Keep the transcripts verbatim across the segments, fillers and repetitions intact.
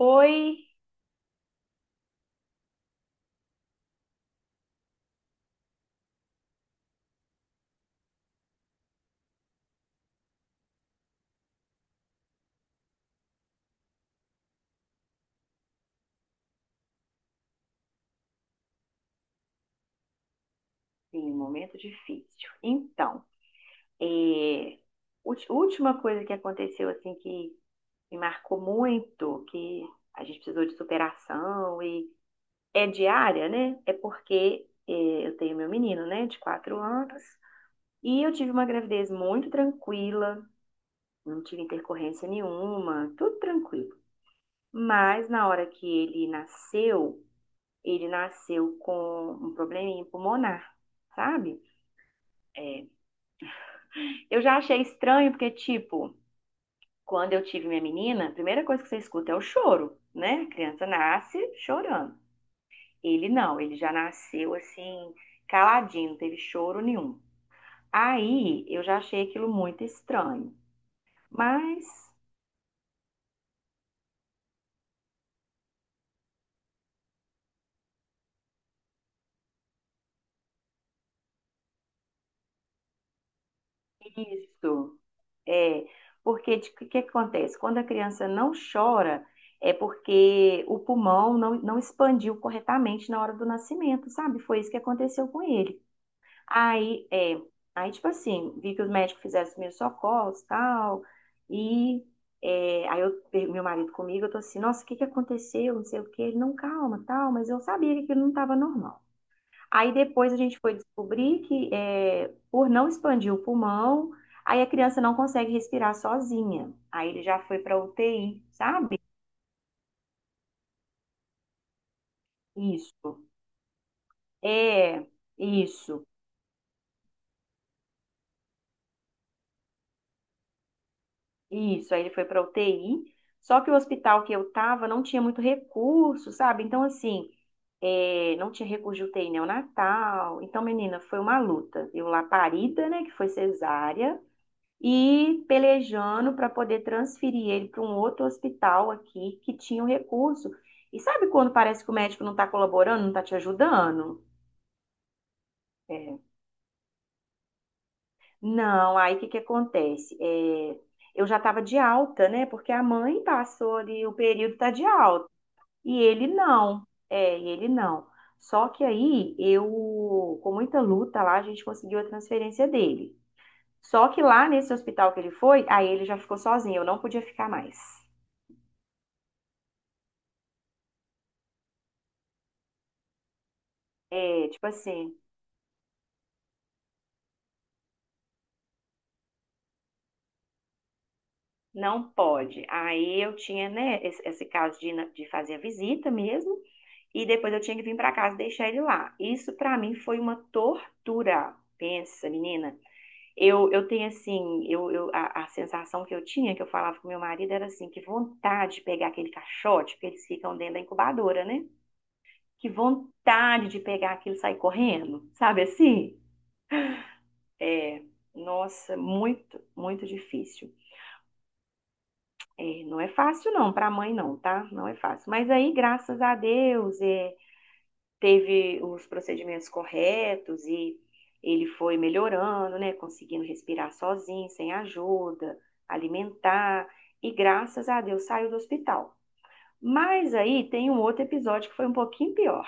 Oi, sim, momento difícil. Então, é, ulti- última coisa que aconteceu assim que me marcou muito, que a gente precisou de superação e é diária, né? É porque é, eu tenho meu menino, né, de quatro anos, e eu tive uma gravidez muito tranquila, não tive intercorrência nenhuma, tudo tranquilo. Mas na hora que ele nasceu, ele nasceu com um probleminha pulmonar, sabe? É, Eu já achei estranho, porque, tipo, quando eu tive minha menina, a primeira coisa que você escuta é o choro, né? A criança nasce chorando. Ele não, ele já nasceu assim, caladinho, não teve choro nenhum. Aí eu já achei aquilo muito estranho. Mas isso é porque de- o que que acontece? Quando a criança não chora, é porque o pulmão não, não expandiu corretamente na hora do nascimento, sabe? Foi isso que aconteceu com ele. Aí, é, aí, tipo assim, vi que os médicos fizeram os primeiros socorros e tal. E é, aí eu, per- meu marido comigo, eu tô assim, nossa, o que que aconteceu? Não sei o que Ele, não, calma, tal, mas eu sabia que aquilo não estava normal. Aí depois a gente foi descobrir que é, por não expandir o pulmão, aí a criança não consegue respirar sozinha. Aí ele já foi pra U T I, sabe? Isso. É, isso. Isso, aí ele foi para U T I. Só que o hospital que eu tava não tinha muito recurso, sabe? Então, assim, é, não tinha recurso de U T I neonatal. Então, menina, foi uma luta. Eu lá parida, né, que foi cesárea, e pelejando para poder transferir ele para um outro hospital aqui que tinha o recurso. E sabe quando parece que o médico não tá colaborando, não tá te ajudando? É. Não, aí o que que acontece? É, eu já estava de alta, né? Porque a mãe passou ali, o período tá de alta. E ele não, é, e ele não. Só que aí eu, com muita luta lá, a gente conseguiu a transferência dele. Só que lá nesse hospital que ele foi, aí ele já ficou sozinho, eu não podia ficar mais. É, tipo assim, não pode. Aí eu tinha, né, esse, esse caso de, na- de fazer a visita mesmo, e depois eu tinha que vir pra casa e deixar ele lá. Isso pra mim foi uma tortura. Pensa, menina. Eu, eu tenho assim, eu, eu- a, a sensação que eu tinha, que eu falava com meu marido, era assim, que vontade de pegar aquele caixote, porque eles ficam dentro da incubadora, né? Que vontade de pegar aquilo e sair correndo, sabe assim? É, nossa, muito, muito difícil. É, não é fácil não, para a mãe não, tá? Não é fácil. Mas aí, graças a Deus, é, teve os procedimentos corretos e ele foi melhorando, né? Conseguindo respirar sozinho, sem ajuda, alimentar e graças a Deus saiu do hospital. Mas aí tem um outro episódio que foi um pouquinho pior.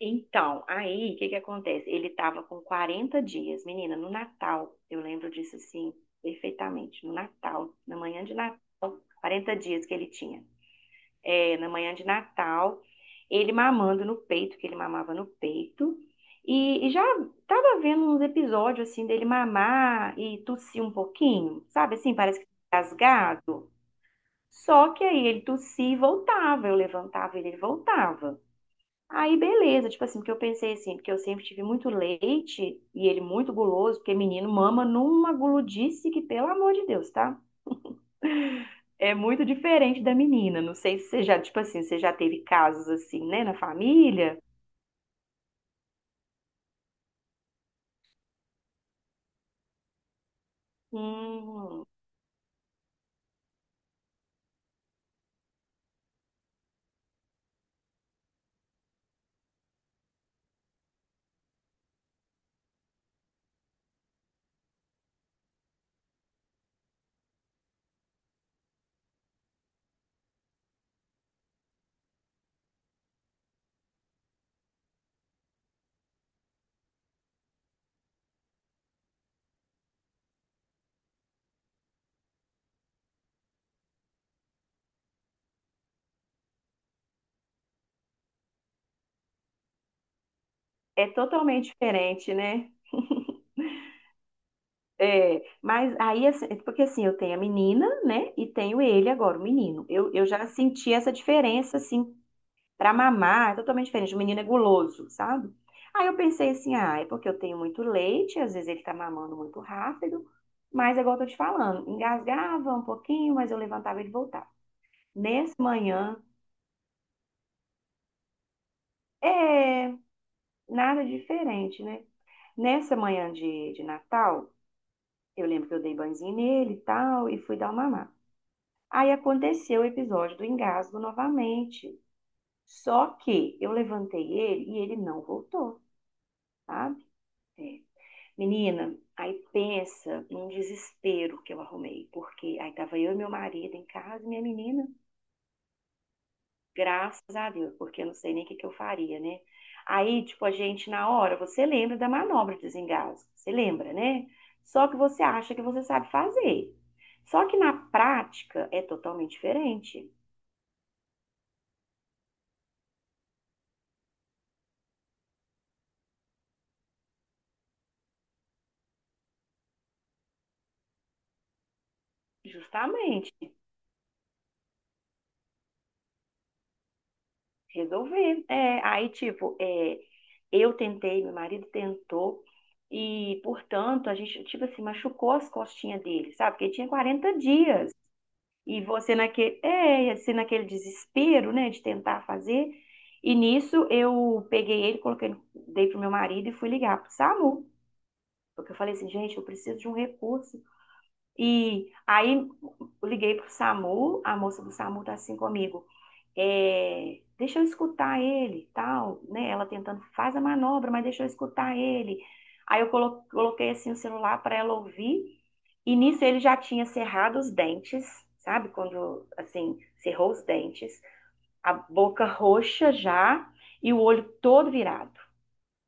Então, aí o que que acontece? Ele estava com 40 dias, menina, no Natal. Eu lembro disso assim perfeitamente. No Natal, na manhã de Natal, 40 dias que ele tinha. É, na manhã de Natal, ele mamando no peito, que ele mamava no peito. E, e já tava vendo uns episódios assim dele mamar e tossir um pouquinho, sabe assim? Parece que tá rasgado. Só que aí ele tossia e voltava, eu levantava e ele voltava. Aí beleza, tipo assim, porque eu pensei assim, porque eu sempre tive muito leite e ele muito guloso, porque menino mama numa guludice que, pelo amor de Deus, tá? É muito diferente da menina. Não sei se você já, tipo assim, você já teve casos assim, né, na família? Hum, é totalmente diferente, né? É, mas aí, assim, é porque assim, eu tenho a menina, né, e tenho ele agora, o menino. Eu, eu já senti essa diferença, assim, pra mamar, é totalmente diferente. O menino é guloso, sabe? Aí eu pensei assim, ah, é porque eu tenho muito leite, às vezes ele tá mamando muito rápido, mas é igual eu tô te falando, engasgava um pouquinho, mas eu levantava e ele voltava. Nessa manhã, é, nada diferente, né? Nessa manhã de, de Natal, eu lembro que eu dei banzinho nele e tal, e fui dar uma mamar. Aí aconteceu o episódio do engasgo novamente. Só que eu levantei ele e ele não voltou, sabe? É. Menina, aí pensa num desespero que eu arrumei, porque aí tava eu e meu marido em casa, e minha menina. Graças a Deus, porque eu não sei nem o que que eu faria, né? Aí, tipo, a gente, na hora, você lembra da manobra de desengasgo, você lembra, né? Só que você acha que você sabe fazer. Só que na prática é totalmente diferente. Justamente, resolver. É, aí, tipo, é, eu tentei, meu marido tentou, e, portanto, a gente, tipo assim, machucou as costinhas dele, sabe? Porque ele tinha quarenta dias. E você naquele, é, assim, naquele desespero, né, de tentar fazer. E nisso eu peguei ele, coloquei, dei pro meu marido e fui ligar pro SAMU. Porque eu falei assim, gente, eu preciso de um recurso. E aí eu liguei pro SAMU, a moça do SAMU tá assim comigo. É, deixa eu escutar ele, tal, né? Ela tentando, faz a manobra, mas deixa eu escutar ele. Aí eu colo- coloquei assim o celular para ela ouvir e nisso ele já tinha cerrado os dentes, sabe? Quando, assim, cerrou os dentes, a boca roxa já e o olho todo virado.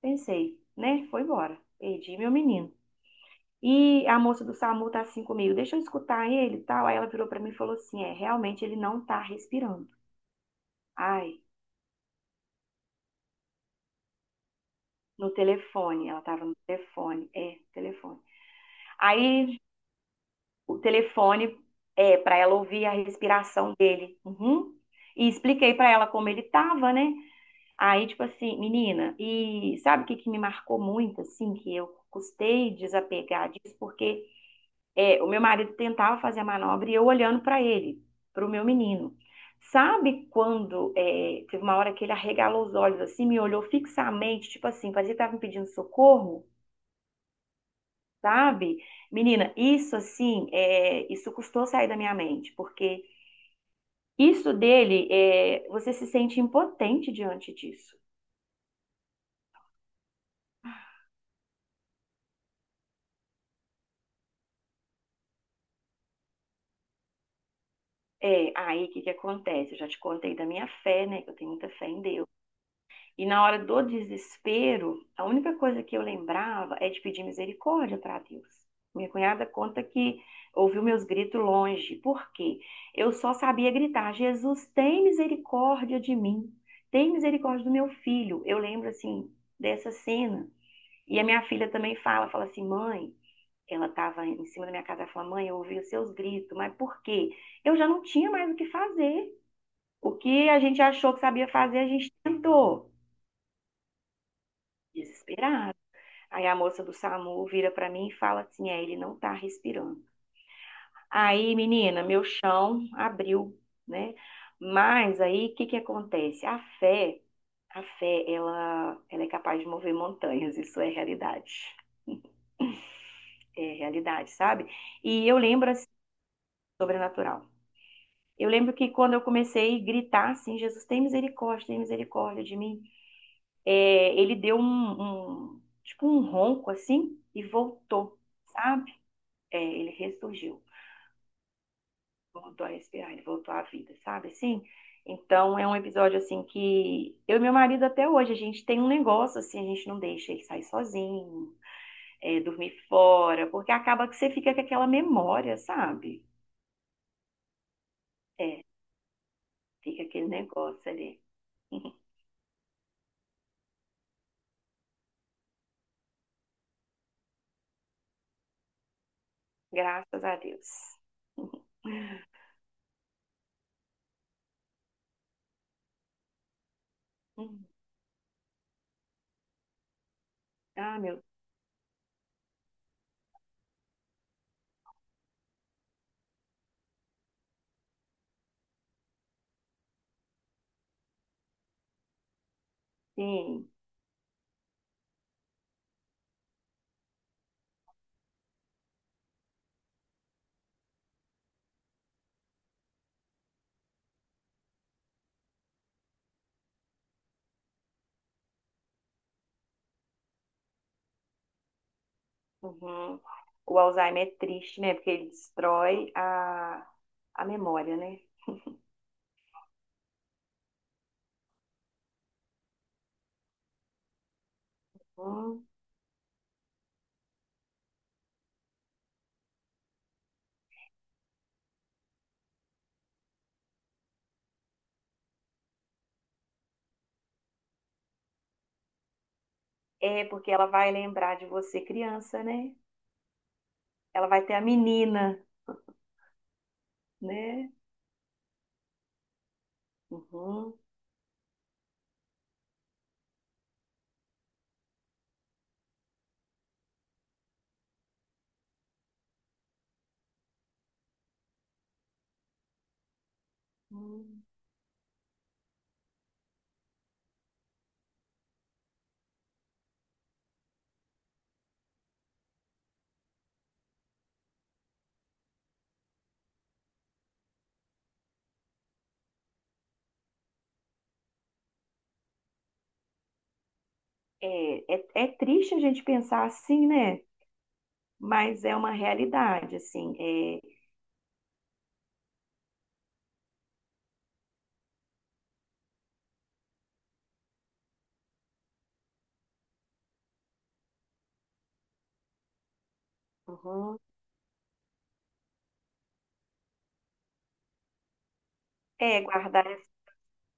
Pensei, né? Foi embora. Perdi meu menino. E a moça do SAMU tá assim comigo, deixa eu escutar ele e tal. Aí ela virou pra mim e falou assim: é, realmente ele não tá respirando. Ai, no telefone, ela tava no telefone, é, telefone. Aí o telefone é, para ela ouvir a respiração dele. Uhum. E expliquei para ela como ele estava, né? Aí, tipo assim, menina, e sabe o que que me marcou muito, assim, que eu custei desapegar disso, porque é, o meu marido tentava fazer a manobra e eu olhando para ele, para o meu menino. Sabe quando é, teve uma hora que ele arregalou os olhos assim, me olhou fixamente, tipo assim, parecia que estava me pedindo socorro? Sabe? Menina, isso assim, é, isso custou sair da minha mente, porque isso dele, é, você se sente impotente diante disso. É, aí o que que acontece? Eu já te contei da minha fé, né? Que eu tenho muita fé em Deus. E na hora do desespero, a única coisa que eu lembrava é de pedir misericórdia para Deus. Minha cunhada conta que ouviu meus gritos longe. Por quê? Eu só sabia gritar: Jesus, tem misericórdia de mim. Tem misericórdia do meu filho. Eu lembro, assim, dessa cena. E a minha filha também fala: fala assim, mãe. Ela estava em cima da minha casa e falou: mãe, eu ouvi os seus gritos, mas por quê? Eu já não tinha mais o que fazer. O que a gente achou que sabia fazer, a gente tentou. Desesperado. Aí a moça do SAMU vira para mim e fala assim: é, ele não tá respirando. Aí, menina, meu chão abriu, né? Mas aí, o que que acontece? A fé, a fé, ela, ela é capaz de mover montanhas, isso é realidade. É realidade, sabe? E eu lembro assim, sobrenatural. Eu lembro que quando eu comecei a gritar assim, Jesus tem misericórdia, tem misericórdia de mim, é, ele deu um, um- tipo um ronco assim e voltou, sabe? É, ele ressurgiu. Voltou a respirar, ele voltou à vida, sabe assim? Então é um episódio assim que eu e meu marido até hoje, a gente tem um negócio assim, a gente não deixa ele sair sozinho, é, dormir fora, porque acaba que você fica com aquela memória, sabe? É, fica aquele negócio ali. Graças a Deus. Ah, meu, sim. Uhum. O Alzheimer é triste, né? Porque ele destrói a, a memória, né? Hum. É, porque ela vai lembrar de você criança, né? Ela vai ter a menina, né? Uhum. Hum. É, é, é triste a gente pensar assim, né? Mas é uma realidade, assim. É, uhum. É, guardar,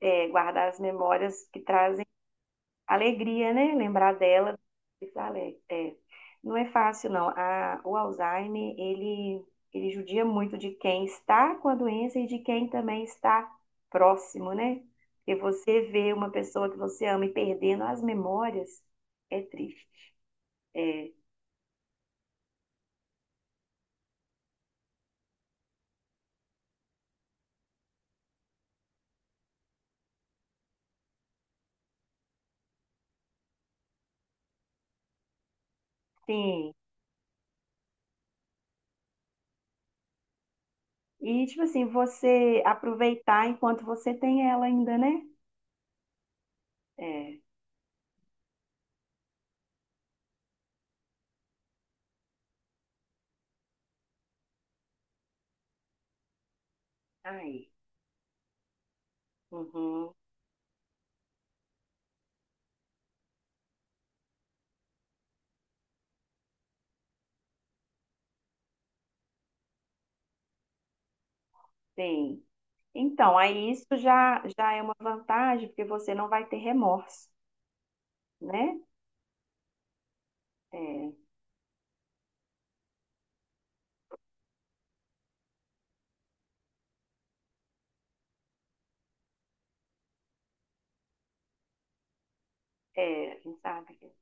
é, guardar as memórias que trazem alegria, né? Lembrar dela. Pensar ale- É, não é fácil, não. A- o Alzheimer, ele, ele judia muito de quem está com a doença e de quem também está próximo, né? Porque você vê uma pessoa que você ama e perdendo as memórias, é triste. É, sim. E, tipo assim, você aproveitar enquanto você tem ela ainda, né? É. Tá aí. Uhum. Sim. Então, aí isso já, já é uma vantagem, porque você não vai ter remorso, né? É, é, a gente sabe. Que-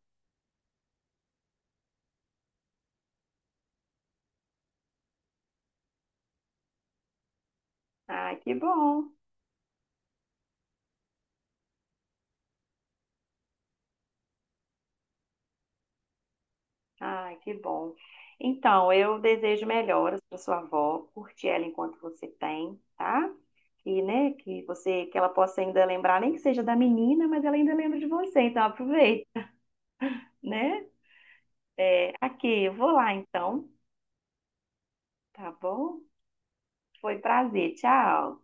ai, que bom. Ai, que bom. Então, eu desejo melhoras para sua avó, curte ela enquanto você tem, tá? E, né, que você, que ela possa ainda lembrar, nem que seja da menina, mas ela ainda lembra de você, então aproveita, né? É, aqui, eu vou lá então, tá bom? Foi um prazer, tchau.